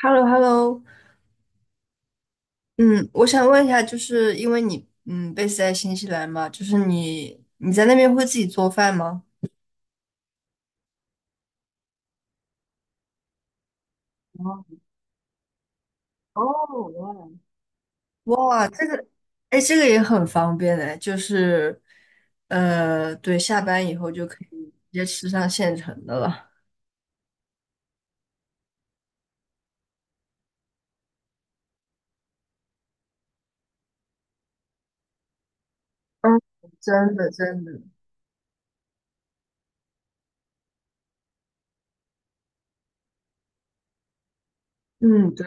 h e l l o h e l l o 嗯，我想问一下，就是因为你 base 在新西兰嘛，就是你在那边会自己做饭吗？哦，哇，这个，哎，这个也很方便哎，就是对，下班以后就可以直接吃上现成的了。嗯，真的，真的，嗯，对，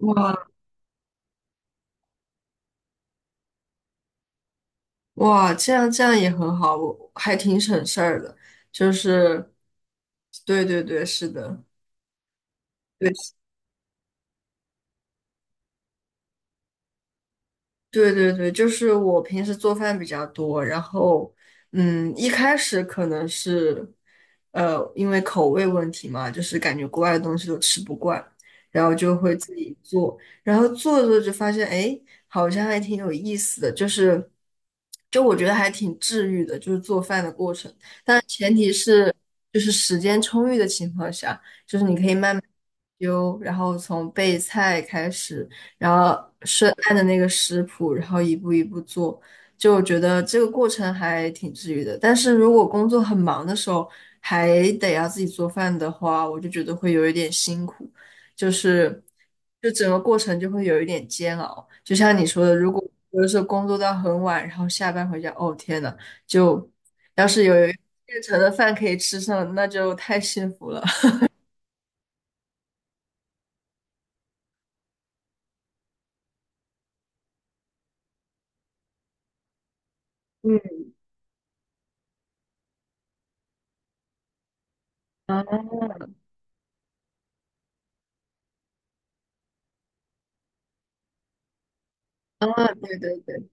哇哇，这样这样也很好，我还挺省事儿的，就是对对对，是的。对。对对对，就是我平时做饭比较多，然后，一开始可能是，因为口味问题嘛，就是感觉国外的东西都吃不惯，然后就会自己做，然后做着做着就发现，哎，好像还挺有意思的，就是，就我觉得还挺治愈的，就是做饭的过程，但前提是就是时间充裕的情况下。丢，然后从备菜开始，然后是按着那个食谱，然后一步一步做，就觉得这个过程还挺治愈的。但是如果工作很忙的时候，还得要自己做饭的话，我就觉得会有一点辛苦，就是就整个过程就会有一点煎熬。就像你说的，如果有的时候工作到很晚，然后下班回家，哦天呐，就要是有现成的饭可以吃上，那就太幸福了。嗯啊。啊，对对对，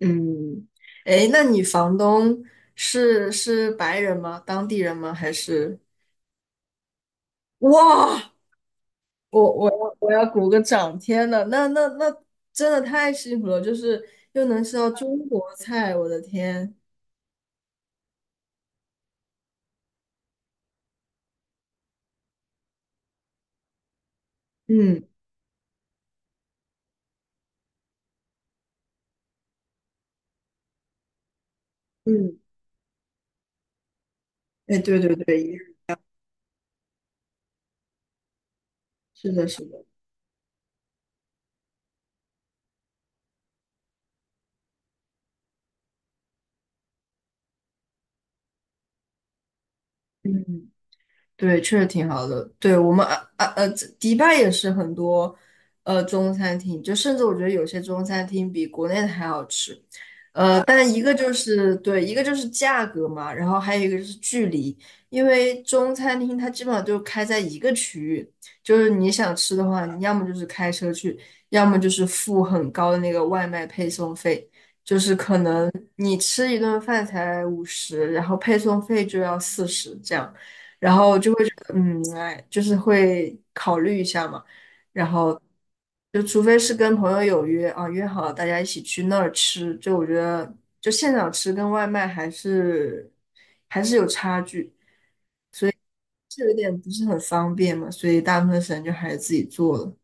嗯，哎，那你房东是白人吗？当地人吗？还是？哇，我要鼓个掌！天呐，那真的太幸福了，就是又能吃到中国菜，我的天！嗯嗯，哎，对对对，一样是的，是的，嗯，对，确实挺好的。对我们，这迪拜也是很多中餐厅，就甚至我觉得有些中餐厅比国内的还好吃。但一个就是对，一个就是价格嘛，然后还有一个就是距离，因为中餐厅它基本上就开在一个区域，就是你想吃的话，你要么就是开车去，要么就是付很高的那个外卖配送费，你吃一顿饭才50，然后配送费就要40这样。嗯，哎，就是会考虑一下嘛，然后就除非是跟朋友有约啊，约好了大家一起去那儿吃，就我觉得就现场吃跟外卖还是有差距，这有点不是很方便嘛，所以大部分时间就还是自己做了。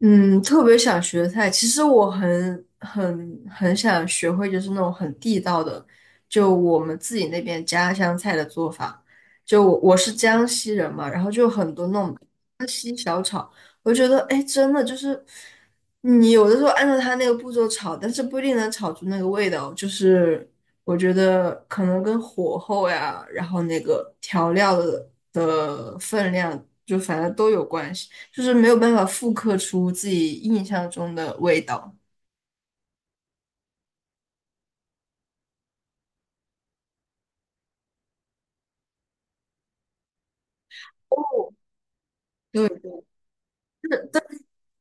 嗯，特别想学的菜，其实我很想学会，就是那种很地道的，就我们自己那边家乡菜的做法。就我是江西人嘛，然后就有很多那种我觉得，哎，真的就是你有的时候按照他那个步骤炒，但是不一定能炒出那个味道。就是我觉得可能跟火候呀，然后那个调料的分量，就反正都有关系，就是没有办法复刻出自己印象中的味道。哦，对对，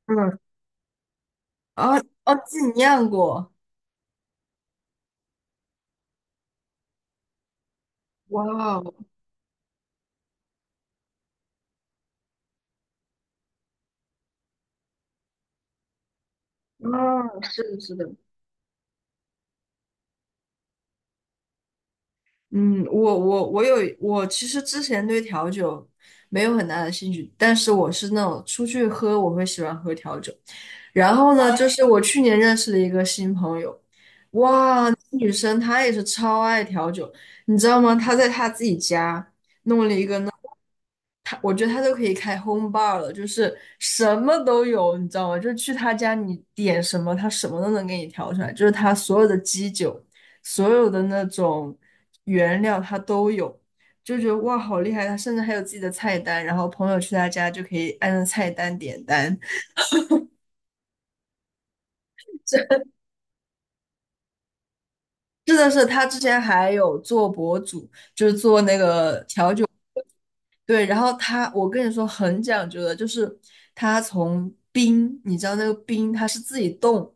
嗯，啊哦，自己酿过，哇哦，嗯，是的，是的。嗯，我其实之前对调酒没有很大的兴趣，但是我是那种出去喝我会喜欢喝调酒。然后呢，就是我去年认识了一个新朋友，哇，女生她也是超爱调酒，你知道吗？她在她自己家。他，我觉得他都可以开 home bar 了，就是什么都有，你知道吗？就是去他家，你点什么，他什么都能给你调出来，就是他所有的基酒，所有的那种原料他都有，就觉得哇，好厉害！他甚至还有自己的菜单，然后朋友去他家就可以按照菜单点单。是的是，他之前还有做博主，就是做那个调酒。对，然后他，我跟你说很讲究的，就是他从冰，你知道那个冰他是自己冻，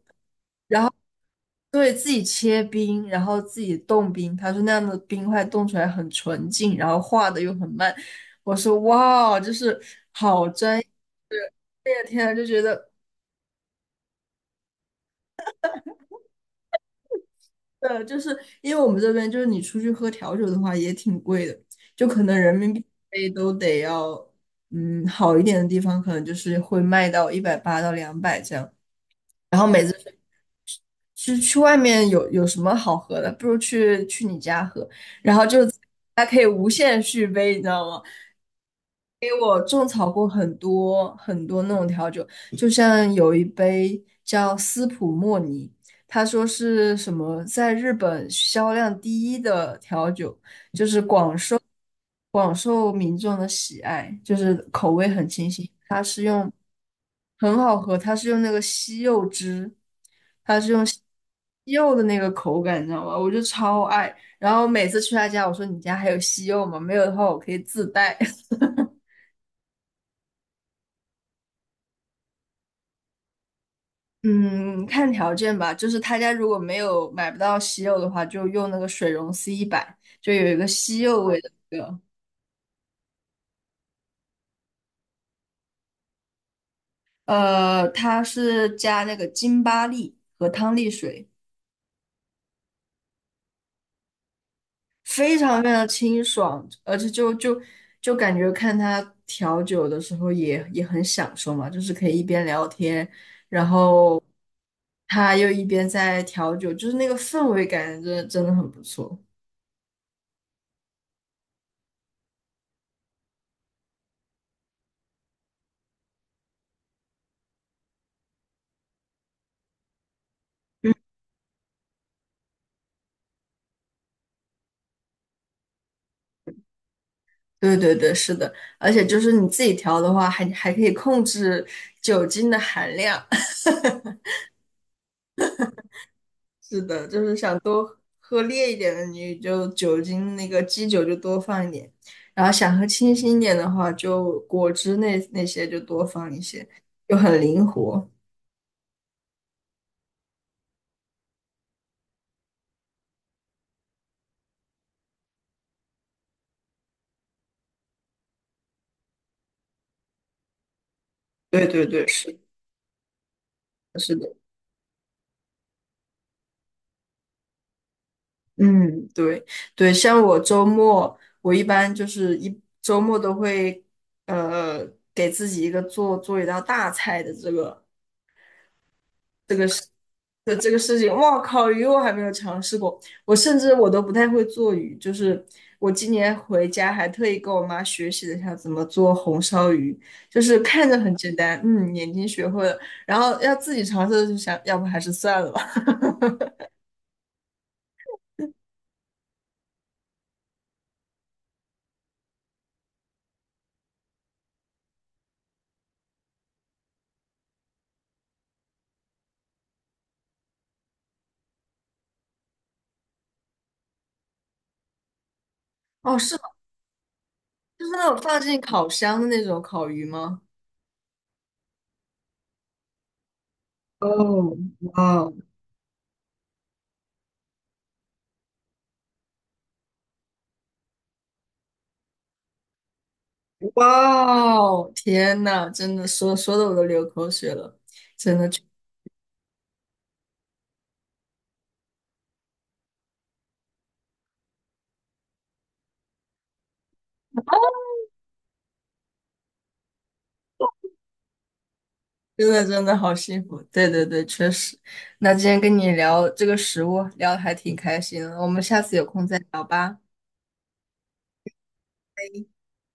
对，自己切冰，然后自己冻冰。他说那样的冰块冻出来很纯净，然后化的又很慢。我说哇，就是好专业，天啊，就觉得就是因为我们这边就是你出去喝调酒的话也挺贵的，就可能人民币一杯都得要，嗯，好一点的地方可能就是会卖到180到200这样。然后每次去外面有什么好喝的，不如去你家喝，然后就还可以无限续杯，你知道吗？种草过很多很多那种调酒，就像有一杯叫斯普莫尼，他说是什么在日本销量第一的调酒，广受民众的喜爱，就是口味很清新，很好喝。它是用那个西柚汁，它是用西柚的那个口感，你知道吗？我就超爱。然后每次去他家，我说你家还有西柚吗？没有的话，我可以自带。嗯，看条件吧，就是他家如果没有买不到西柚的话，就用那个水溶C100，就有一个西柚味的那个，它是加那个金巴利和汤力水，非常非常清爽，而且就就感觉看他调酒的时候也很享受嘛，就是可以一边聊天，然后他又一边在调酒，就是那个氛围感真的真的很不错。对对对，是的，而且就是你自己调的话，还可以控制酒精的含量。是的，就是想多喝烈一点的，你就酒精那个基酒就多放一点，然后想喝清新一点的话，就果汁那些就多放一些，就很灵活。对对对，是的是的，嗯，对对，像我周末，我一般就是一周末都会呃给自己一个做做一道大菜的这个。的这个事情，哇靠，鱼我还没有尝试过，我甚至我都不太会做鱼，就是我今年回家还特意跟我妈学习了一下怎么做红烧鱼，就是看着很简单，眼睛学会了，然后要自己尝试就想，要不还是算了吧。哦，是吗？就是那种放进烤箱的那种烤鱼吗？哦，哇哦哇哦，天呐，真的说说的我都流口水了，真的。真的真的好幸福，对对对，确实。那今天跟你聊这个食物，聊得还挺开心的，我们下次有空再聊吧。